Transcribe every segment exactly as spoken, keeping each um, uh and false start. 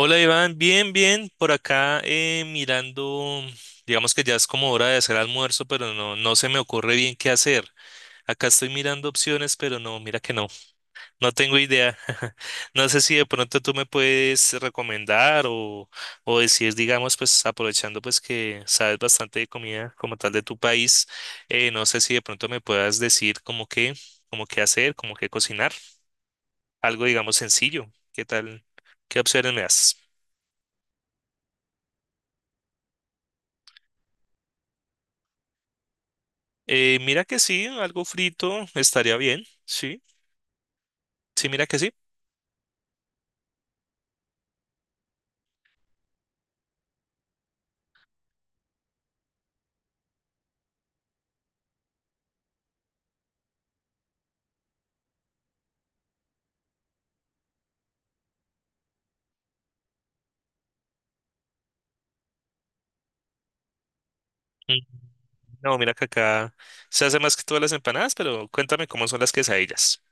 Hola Iván, bien, bien, por acá eh, mirando, digamos que ya es como hora de hacer almuerzo, pero no, no se me ocurre bien qué hacer. Acá estoy mirando opciones, pero no, mira que no, no tengo idea. No sé si de pronto tú me puedes recomendar o, o decir, digamos, pues aprovechando pues que sabes bastante de comida como tal de tu país, eh, no sé si de pronto me puedas decir como qué, como qué hacer, como qué cocinar, algo digamos sencillo, qué tal, qué opciones me das. Eh, mira que sí, algo frito estaría bien, sí, sí, mira que sí. Mm, no, mira que acá se hace más que todas las empanadas, pero cuéntame cómo son las quesadillas.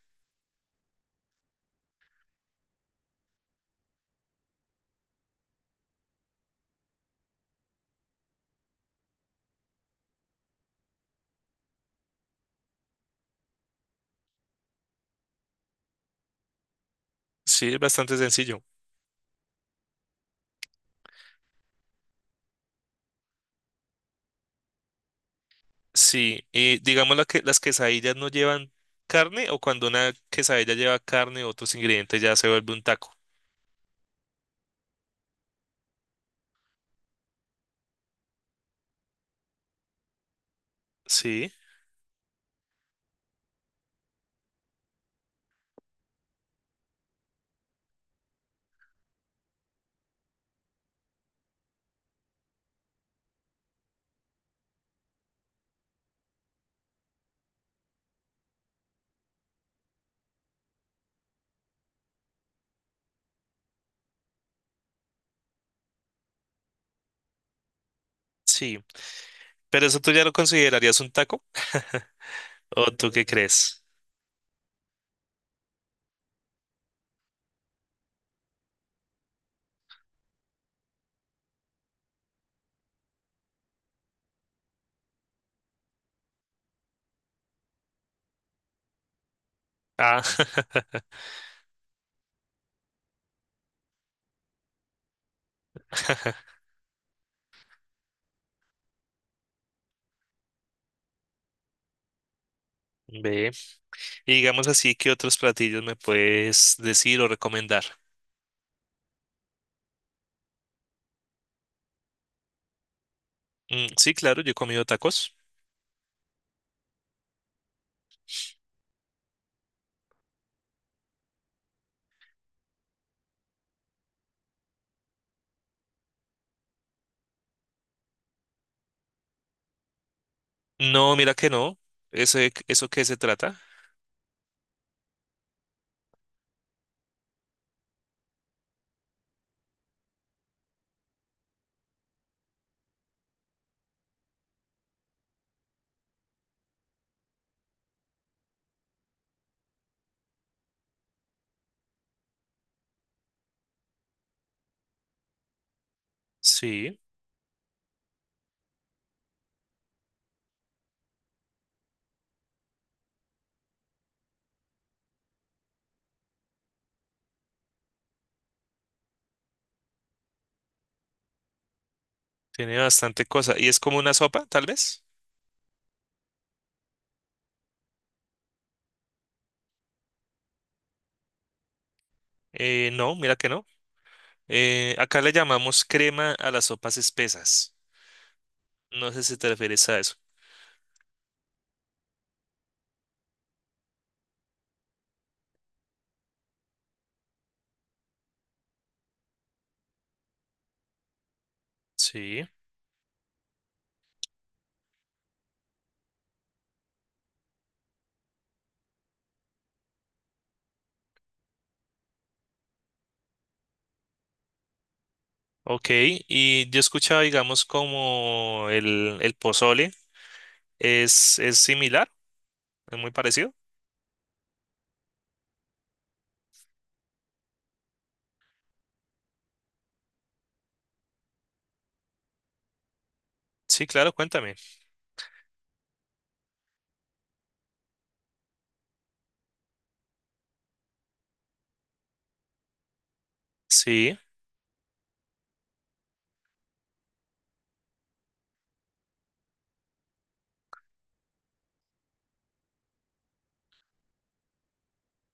Sí, es bastante sencillo. Sí, y digamos la que, las quesadillas no llevan carne, o cuando una quesadilla lleva carne o otros ingredientes ya se vuelve un taco. Sí, sí, pero eso tú ya lo considerarías un taco. ¿O tú qué crees? Ah, ve, y digamos así, ¿qué otros platillos me puedes decir o recomendar? Mm, sí, claro, yo he comido tacos. No, mira que no. ¿Ese, eso qué se trata? Sí, tiene bastante cosa. ¿Y es como una sopa, tal vez? Eh, no, mira que no. Eh, acá le llamamos crema a las sopas espesas. No sé si te refieres a eso. Sí, ok. Y yo he escuchado, digamos, como el, el pozole. ¿Es, es similar? ¿Es muy parecido? Sí, claro, cuéntame. Sí.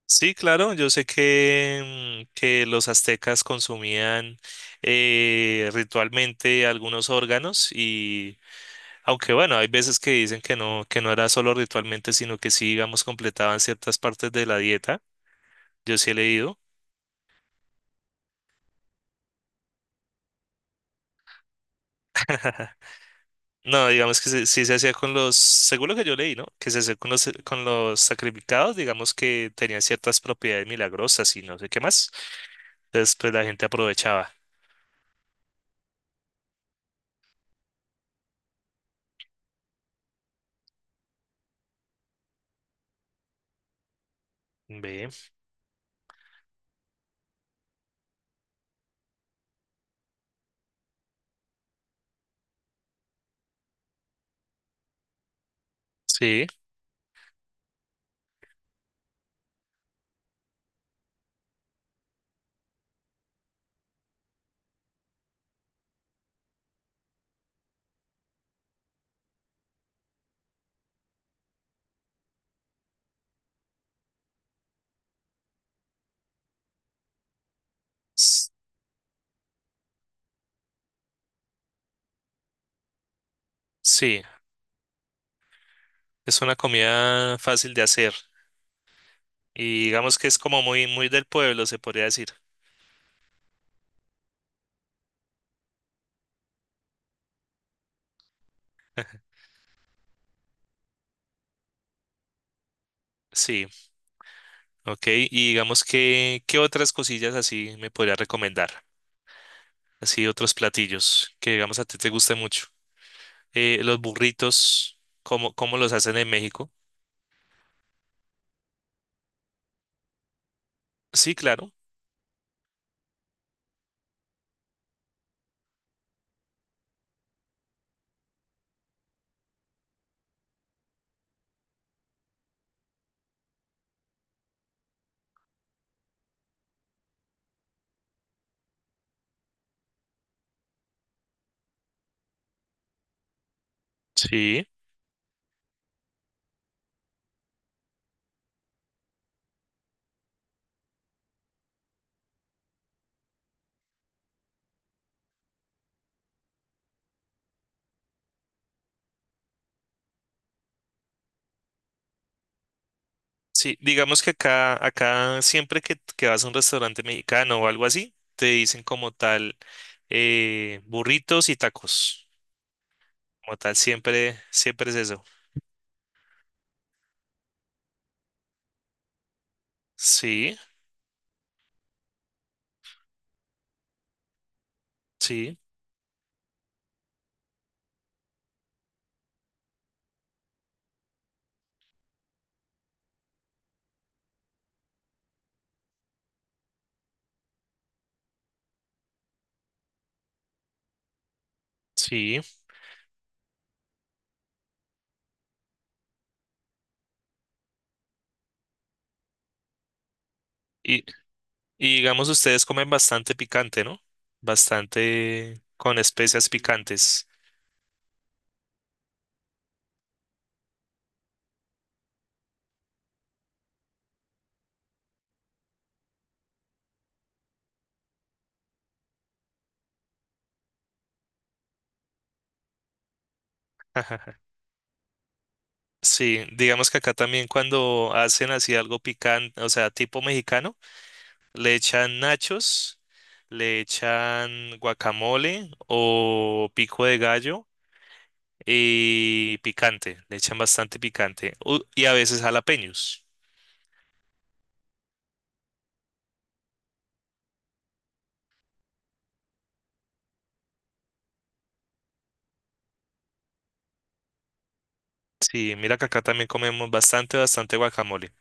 Sí, claro, yo sé que, mm, que los aztecas consumían eh, ritualmente algunos órganos. Y aunque bueno, hay veces que dicen que no, que no era solo ritualmente, sino que sí, digamos, completaban ciertas partes de la dieta. Yo sí he leído. No, digamos que se- sí se hacía con los, según lo que yo leí, ¿no? Que se hacía con los, con los sacrificados, digamos que tenían ciertas propiedades milagrosas y no sé qué más. Entonces, pues la gente aprovechaba. Ve, sí, s- sí. Es una comida fácil de hacer y digamos que es como muy, muy del pueblo, se podría decir. Sí, ok. Y digamos que, ¿qué otras cosillas así me podría recomendar? Así otros platillos que digamos a ti te guste mucho. Eh, los burritos, ¿cómo, cómo los hacen en México? Sí, claro. Sí. Sí, digamos que acá, acá siempre que, que vas a un restaurante mexicano o algo así, te dicen como tal eh, burritos y tacos. Como tal, siempre, siempre es eso. Sí. Sí, sí. Y, y digamos, ustedes comen bastante picante, ¿no? Bastante con especias picantes. Ajaja. Sí, digamos que acá también cuando hacen así algo picante, o sea, tipo mexicano, le echan nachos, le echan guacamole o pico de gallo y picante, le echan bastante picante. U- y a veces jalapeños. Sí, mira que acá también comemos bastante, bastante guacamole.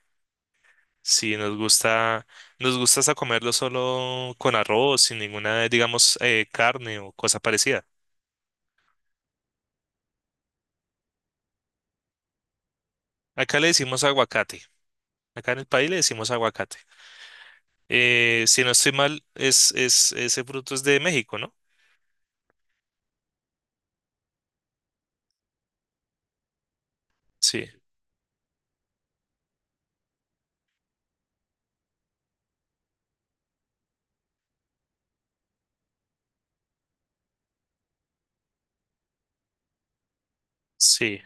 Sí, nos gusta, nos gusta hasta comerlo solo con arroz, sin ninguna, digamos, eh, carne o cosa parecida. Acá le decimos aguacate. Acá en el país le decimos aguacate. Eh, si no estoy mal, es, es, ese fruto es de México, ¿no? Sí, sí,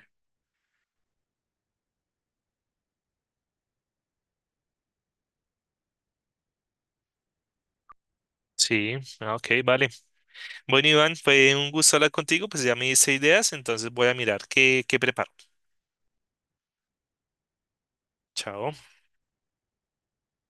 sí. Ah, ok, vale. Bueno, Iván, fue un gusto hablar contigo, pues ya me hice ideas, entonces voy a mirar qué, qué preparo. Chao.